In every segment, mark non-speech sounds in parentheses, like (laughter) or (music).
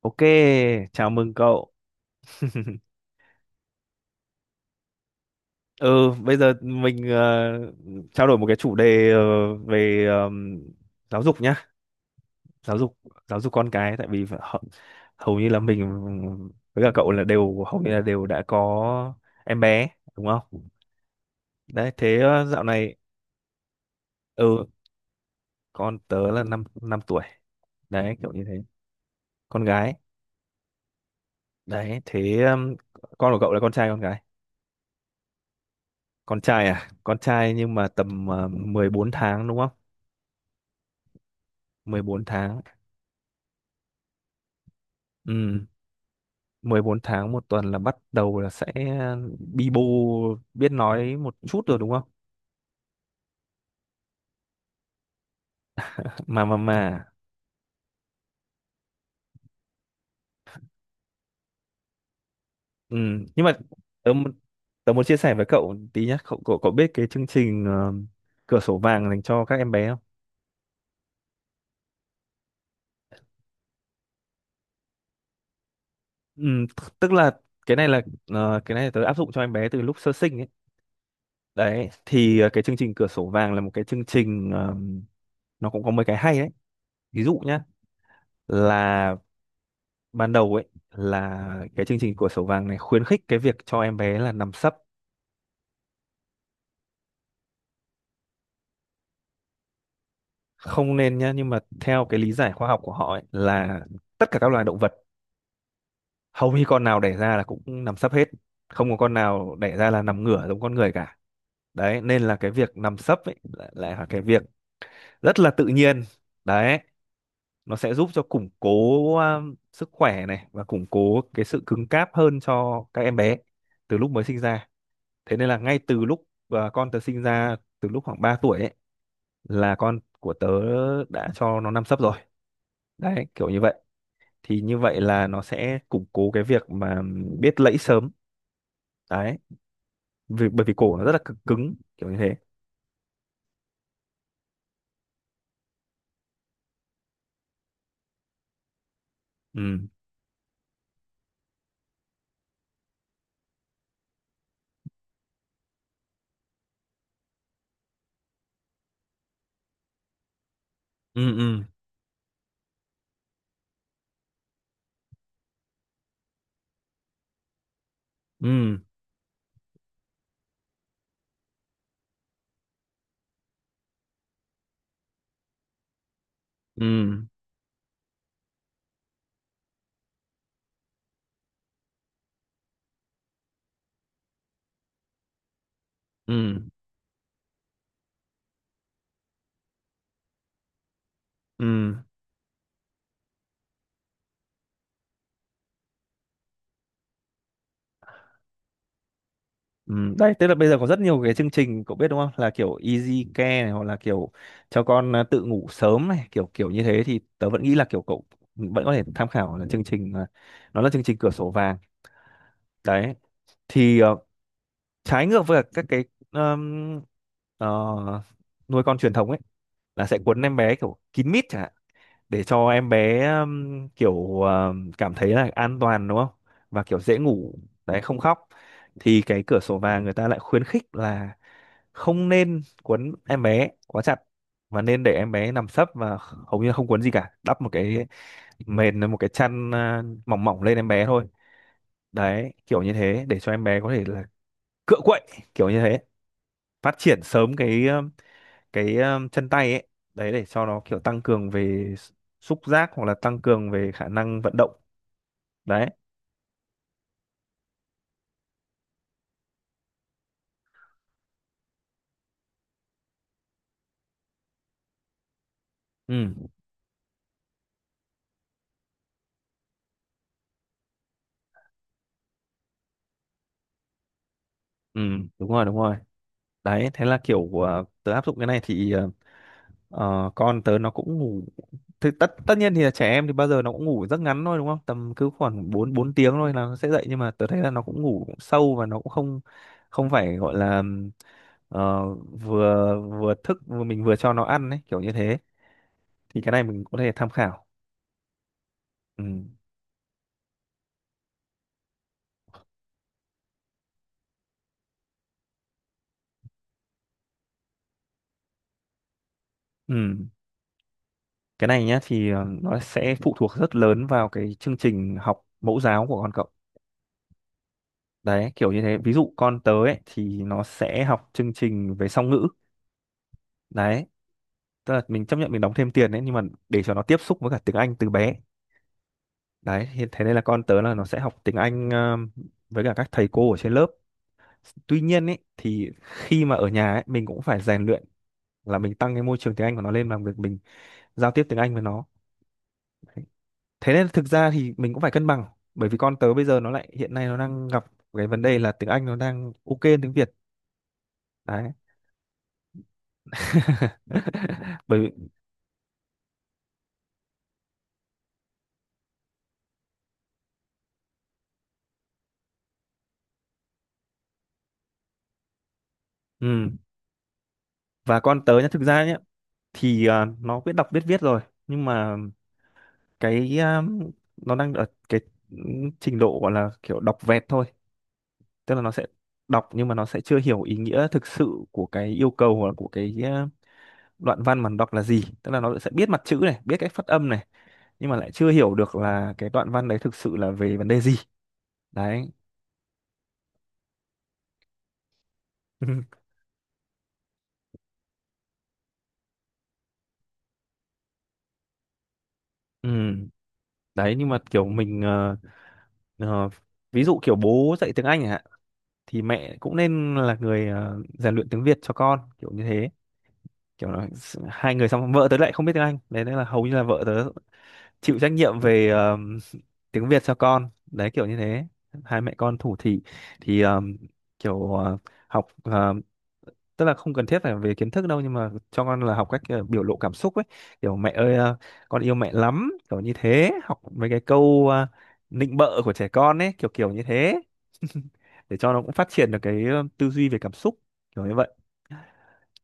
Ok, chào mừng cậu. Ừ, bây giờ mình trao đổi một cái chủ đề về giáo dục nhá, giáo dục giáo dục con cái tại vì hầu như là mình với cả cậu là đều hầu như là đều đã có em bé đúng không? Đấy, thế dạo này ừ, con tớ là 5 5 tuổi. Đấy, kiểu như thế. Con gái. Đấy, thế con của cậu là con trai con gái? Con trai à? Con trai nhưng mà tầm 14 tháng đúng không? 14 tháng. Ừ. 14 tháng một tuần là bắt đầu là sẽ bi bô biết nói một chút rồi đúng không? Mà ừ. Nhưng mà tớ, mu- tớ muốn chia sẻ với cậu tí nhé. Cậu, cậu cậu biết cái chương trình cửa sổ vàng dành cho các em bé không? Ừ, tức là cái này là cái này là tớ áp dụng cho em bé từ lúc sơ sinh ấy. Đấy thì cái chương trình cửa sổ vàng là một cái chương trình nó cũng có mấy cái hay đấy. Ví dụ nhá, là ban đầu ấy là cái chương trình cửa sổ vàng này khuyến khích cái việc cho em bé là nằm sấp, không nên nhá, nhưng mà theo cái lý giải khoa học của họ ấy, là tất cả các loài động vật hầu như con nào đẻ ra là cũng nằm sấp hết, không có con nào đẻ ra là nằm ngửa giống con người cả. Đấy nên là cái việc nằm sấp ấy lại lại là cái việc rất là tự nhiên. Đấy, nó sẽ giúp cho củng cố sức khỏe này và củng cố cái sự cứng cáp hơn cho các em bé từ lúc mới sinh ra. Thế nên là ngay từ lúc con tớ sinh ra, từ lúc khoảng 3 tuổi ấy là con của tớ đã cho nó nằm sấp rồi, đấy kiểu như vậy. Thì như vậy là nó sẽ củng cố cái việc mà biết lẫy sớm, đấy vì bởi vì cổ nó rất là cứng cứng kiểu như thế. Ừ ừ ừ ừ ừ ừ ừ ừ. Đấy tức là bây giờ có rất nhiều cái chương trình cậu biết đúng không, là kiểu easy care này hoặc là kiểu cho con à, tự ngủ sớm này kiểu kiểu như thế, thì tớ vẫn nghĩ là kiểu cậu vẫn có thể tham khảo là chương trình à, nó là chương trình cửa sổ vàng. Đấy thì trái ngược với cả các cái um, ờ, nuôi con truyền thống ấy là sẽ cuốn em bé kiểu kín mít chẳng hạn, để cho em bé kiểu cảm thấy là an toàn đúng không, và kiểu dễ ngủ, đấy không khóc. Thì cái cửa sổ vàng người ta lại khuyến khích là không nên cuốn em bé quá chặt và nên để em bé nằm sấp và hầu như không cuốn gì cả, đắp một cái mền một cái chăn à, mỏng mỏng lên em bé thôi, đấy kiểu như thế để cho em bé có thể là cựa quậy kiểu như thế, phát triển sớm cái chân tay ấy. Đấy để cho nó kiểu tăng cường về s- xúc giác hoặc là tăng cường về khả năng vận động. Đấy ừ ừ đúng rồi đúng rồi. Đấy thế là kiểu tớ áp dụng cái này thì con tớ nó cũng ngủ, thì tất tất nhiên thì là trẻ em thì bao giờ nó cũng ngủ rất ngắn thôi đúng không, tầm cứ khoảng bốn 4 tiếng thôi là nó sẽ dậy, nhưng mà tớ thấy là nó cũng ngủ sâu và nó cũng không không phải gọi là vừa vừa thức vừa mình vừa cho nó ăn ấy kiểu như thế. Thì cái này mình có thể tham khảo. Ừ. Ừ. Cái này nhá thì nó sẽ phụ thuộc rất lớn vào cái chương trình học mẫu giáo của con cậu, đấy kiểu như thế. Ví dụ con tớ ấy, thì nó sẽ học chương trình về song ngữ. Đấy tức là mình chấp nhận mình đóng thêm tiền đấy nhưng mà để cho nó tiếp xúc với cả tiếng Anh từ bé. Đấy thì thế nên là con tớ là nó sẽ học tiếng Anh với cả các thầy cô ở trên lớp. Tuy nhiên ấy thì khi mà ở nhà ấy mình cũng phải rèn luyện là mình tăng cái môi trường tiếng Anh của nó lên bằng việc mình giao tiếp tiếng Anh với nó. Thế nên thực ra thì mình cũng phải cân bằng, bởi vì con tớ bây giờ nó lại hiện nay nó đang gặp cái vấn đề là tiếng Anh nó đang ok hơn tiếng Việt. Đấy (laughs) bởi vì ừ. Và con tớ nhá, thực ra nhá, thì à, nó biết đọc biết viết rồi nhưng mà cái à, nó đang ở cái trình độ gọi là kiểu đọc vẹt thôi, tức là nó sẽ đọc nhưng mà nó sẽ chưa hiểu ý nghĩa thực sự của cái yêu cầu hoặc là của cái à, đoạn văn mà nó đọc là gì, tức là nó sẽ biết mặt chữ này biết cách phát âm này, nhưng mà lại chưa hiểu được là cái đoạn văn đấy thực sự là về vấn đề gì. Đấy (laughs) ừ. Đấy nhưng mà kiểu mình ờ, ví dụ kiểu bố dạy tiếng Anh chẳng hạn thì mẹ cũng nên là người rèn luyện tiếng Việt cho con kiểu như thế. Kiểu là hai người, xong vợ tớ lại không biết tiếng Anh đấy nên là hầu như là vợ tớ chịu trách nhiệm về (laughs) tiếng Việt cho con, đấy kiểu như thế. Hai mẹ con thủ thị thì kiểu học tức là không cần thiết phải về kiến thức đâu nhưng mà cho con là học cách biểu lộ cảm xúc ấy, kiểu mẹ ơi con yêu mẹ lắm kiểu như thế, học mấy cái câu nịnh bợ của trẻ con ấy kiểu kiểu như thế để cho nó cũng phát triển được cái tư duy về cảm xúc kiểu như vậy.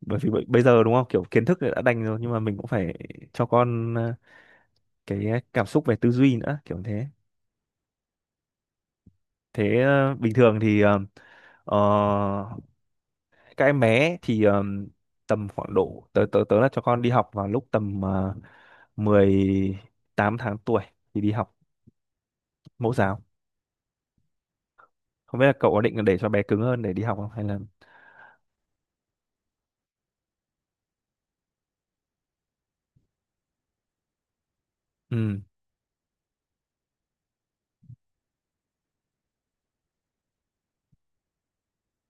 Bởi vì bây giờ đúng không, kiểu kiến thức đã đành rồi nhưng mà mình cũng phải cho con cái cảm xúc về tư duy nữa kiểu như thế. Thế bình thường thì ờ, các em bé thì tầm khoảng độ tớ tớ tớ là cho con đi học vào lúc tầm 18 tháng tuổi thì đi học mẫu giáo. Không biết là cậu có định để cho bé cứng hơn để đi học không hay là ừ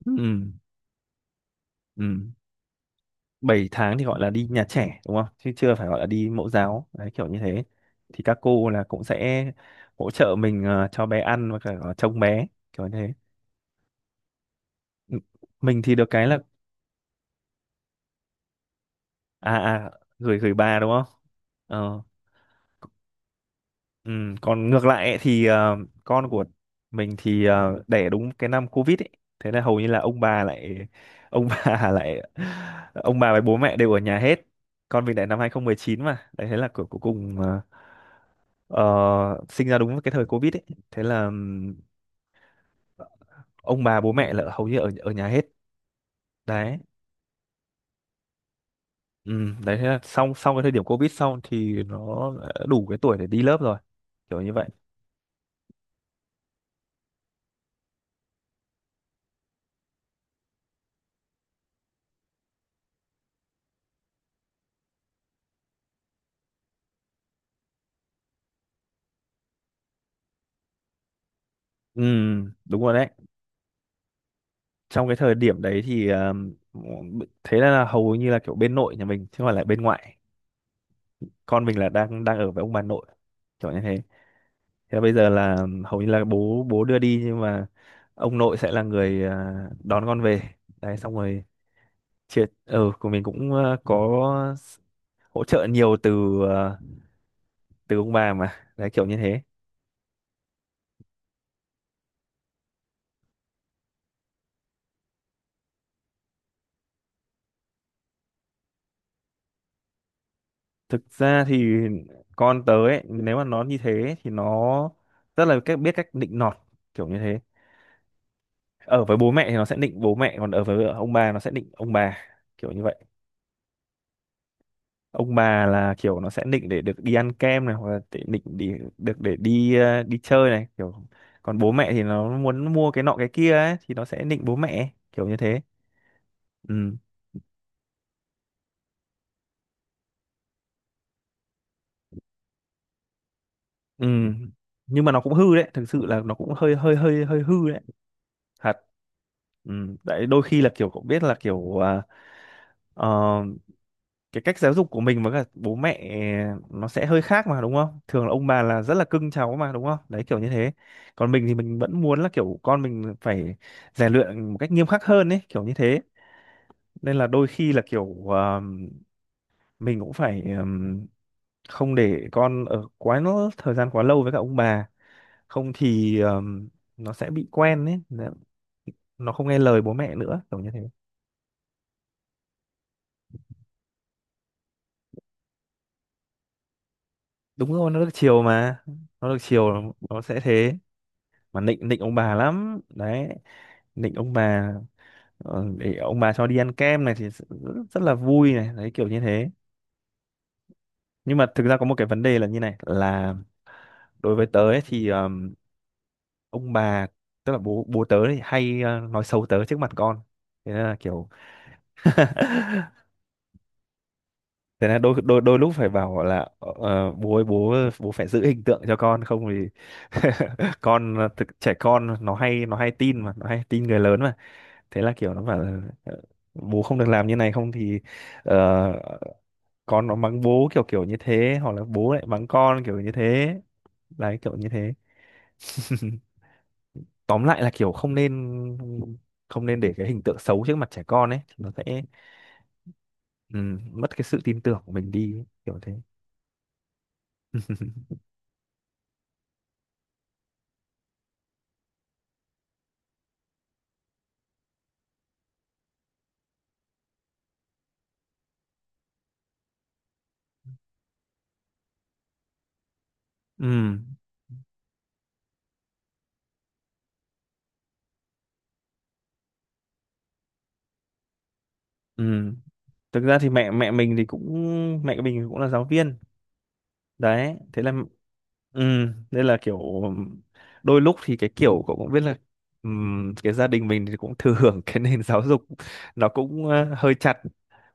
ừ ừ. 7 tháng thì gọi là đi nhà trẻ đúng không chứ chưa phải gọi là đi mẫu giáo, đấy kiểu như thế. Thì các cô là cũng sẽ hỗ trợ mình cho bé ăn và cả trông bé kiểu như thế. Ừ. Mình thì được cái là à à. Gửi gửi bà đúng không. Ờ. Ừ, còn ngược lại ấy, thì con của mình thì đẻ đúng cái năm Covid ấy. Thế là hầu như là ông bà lại ông (laughs) bà lại ông bà với bố mẹ đều ở nhà hết. Con mình đẻ năm 2019 mà. Đấy thế là cuối cuối cùng ờ, sinh ra đúng với cái thời Covid ấy. Thế là ông bà bố mẹ là hầu như ở ở nhà hết. Đấy. Ừ, đấy thế là xong xong cái thời điểm Covid xong thì nó đã đủ cái tuổi để đi lớp rồi. Kiểu như vậy. Ừ, đúng rồi đấy. Trong cái thời điểm đấy thì thế là hầu như là kiểu bên nội nhà mình chứ không phải là bên ngoại, con mình là đang đang ở với ông bà nội kiểu như thế. Thế là bây giờ là hầu như là bố bố đưa đi nhưng mà ông nội sẽ là người đón con về, đấy xong rồi chia ừ của mình cũng có s- hỗ trợ nhiều từ à, từ ông bà mà đấy kiểu như thế. Thực ra thì con tớ ấy, nếu mà nó như thế thì nó rất là cách biết cách định nọt kiểu như thế, ở với bố mẹ thì nó sẽ định bố mẹ còn ở với ông bà nó sẽ định ông bà kiểu như vậy. Ông bà là kiểu nó sẽ định để được đi ăn kem này hoặc là để định để được để đi đi chơi này kiểu, còn bố mẹ thì nó muốn mua cái nọ cái kia ấy thì nó sẽ định bố mẹ kiểu như thế. Ừ ừ. Nhưng mà nó cũng hư đấy, thực sự là nó cũng hơi hơi hư đấy thật. Ừ. Tại đôi khi là kiểu cũng biết là kiểu ờ, cái cách giáo dục của mình với cả bố mẹ nó sẽ hơi khác mà đúng không? Thường là ông bà là rất là cưng cháu mà đúng không? Đấy kiểu như thế. Còn mình thì mình vẫn muốn là kiểu con mình phải rèn luyện một cách nghiêm khắc hơn ấy, kiểu như thế. Nên là đôi khi là kiểu mình cũng phải không để con ở quá nó thời gian quá lâu với cả ông bà, không thì nó sẽ bị quen ấy. Nó không nghe lời bố mẹ nữa, kiểu như thế. Đúng rồi, nó được chiều mà. Nó được chiều nó sẽ thế. Mà nịnh nịnh ông bà lắm đấy, nịnh ông bà để ông bà cho đi ăn kem này thì rất, rất là vui này đấy kiểu như thế. Nhưng mà thực ra có một cái vấn đề là như này là đối với tớ ấy, thì ông bà tức là bố bố tớ thì hay nói xấu tớ trước mặt con, thế nên là kiểu (laughs) thế là đôi đôi đôi lúc phải bảo là bố ơi, bố bố phải giữ hình tượng cho con không thì (laughs) con thực, trẻ con nó hay tin mà nó hay tin người lớn, thế là kiểu nó bảo là "Ờ, bố không được làm như này không thì ờ, con nó mắng bố kiểu kiểu như thế hoặc là bố lại mắng con kiểu như thế, đấy kiểu như thế. Tóm lại là kiểu không nên, không nên để cái hình tượng xấu trước mặt trẻ con ấy, nó sẽ ừ, mất cái sự tin tưởng của mình đi ấy, kiểu thế. (laughs) Ừ ừ. Thực ra thì mẹ mẹ mình thì cũng mẹ mình cũng là giáo viên, đấy thế là ừ, nên là kiểu đôi lúc thì cái kiểu cậu cũng biết là cái gia đình mình thì cũng thừa hưởng (laughs) cái nền giáo dục nó cũng hơi chặt,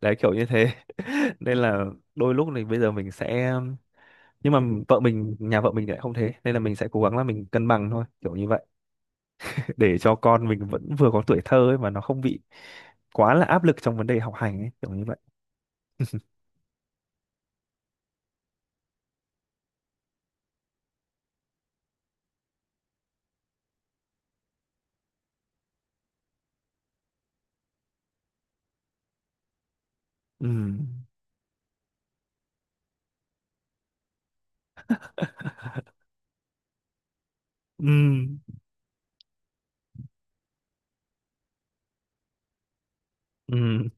đấy kiểu như thế (laughs) nên là đôi lúc thì bây giờ mình sẽ, nhưng mà vợ mình, nhà vợ mình thì lại không, thế nên là mình sẽ cố gắng là mình cân bằng thôi kiểu như vậy (laughs) để cho con mình vẫn vừa có tuổi thơ ấy mà nó không bị quá là áp lực trong vấn đề học hành ấy kiểu như vậy. Ừ ừ ừ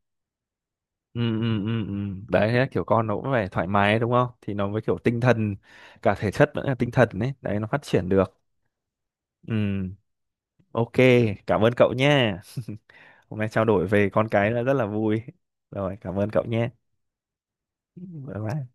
ừ ừ ừ ừ. Đấy thế kiểu con nó cũng phải thoải mái đúng không thì nó mới kiểu tinh thần cả thể chất lẫn là tinh thần đấy, đấy nó phát triển được. Ừ, ok, cảm ơn cậu nhé. (laughs) Hôm nay trao đổi về con cái là rất là vui, rồi cảm ơn cậu nhé, bye bye.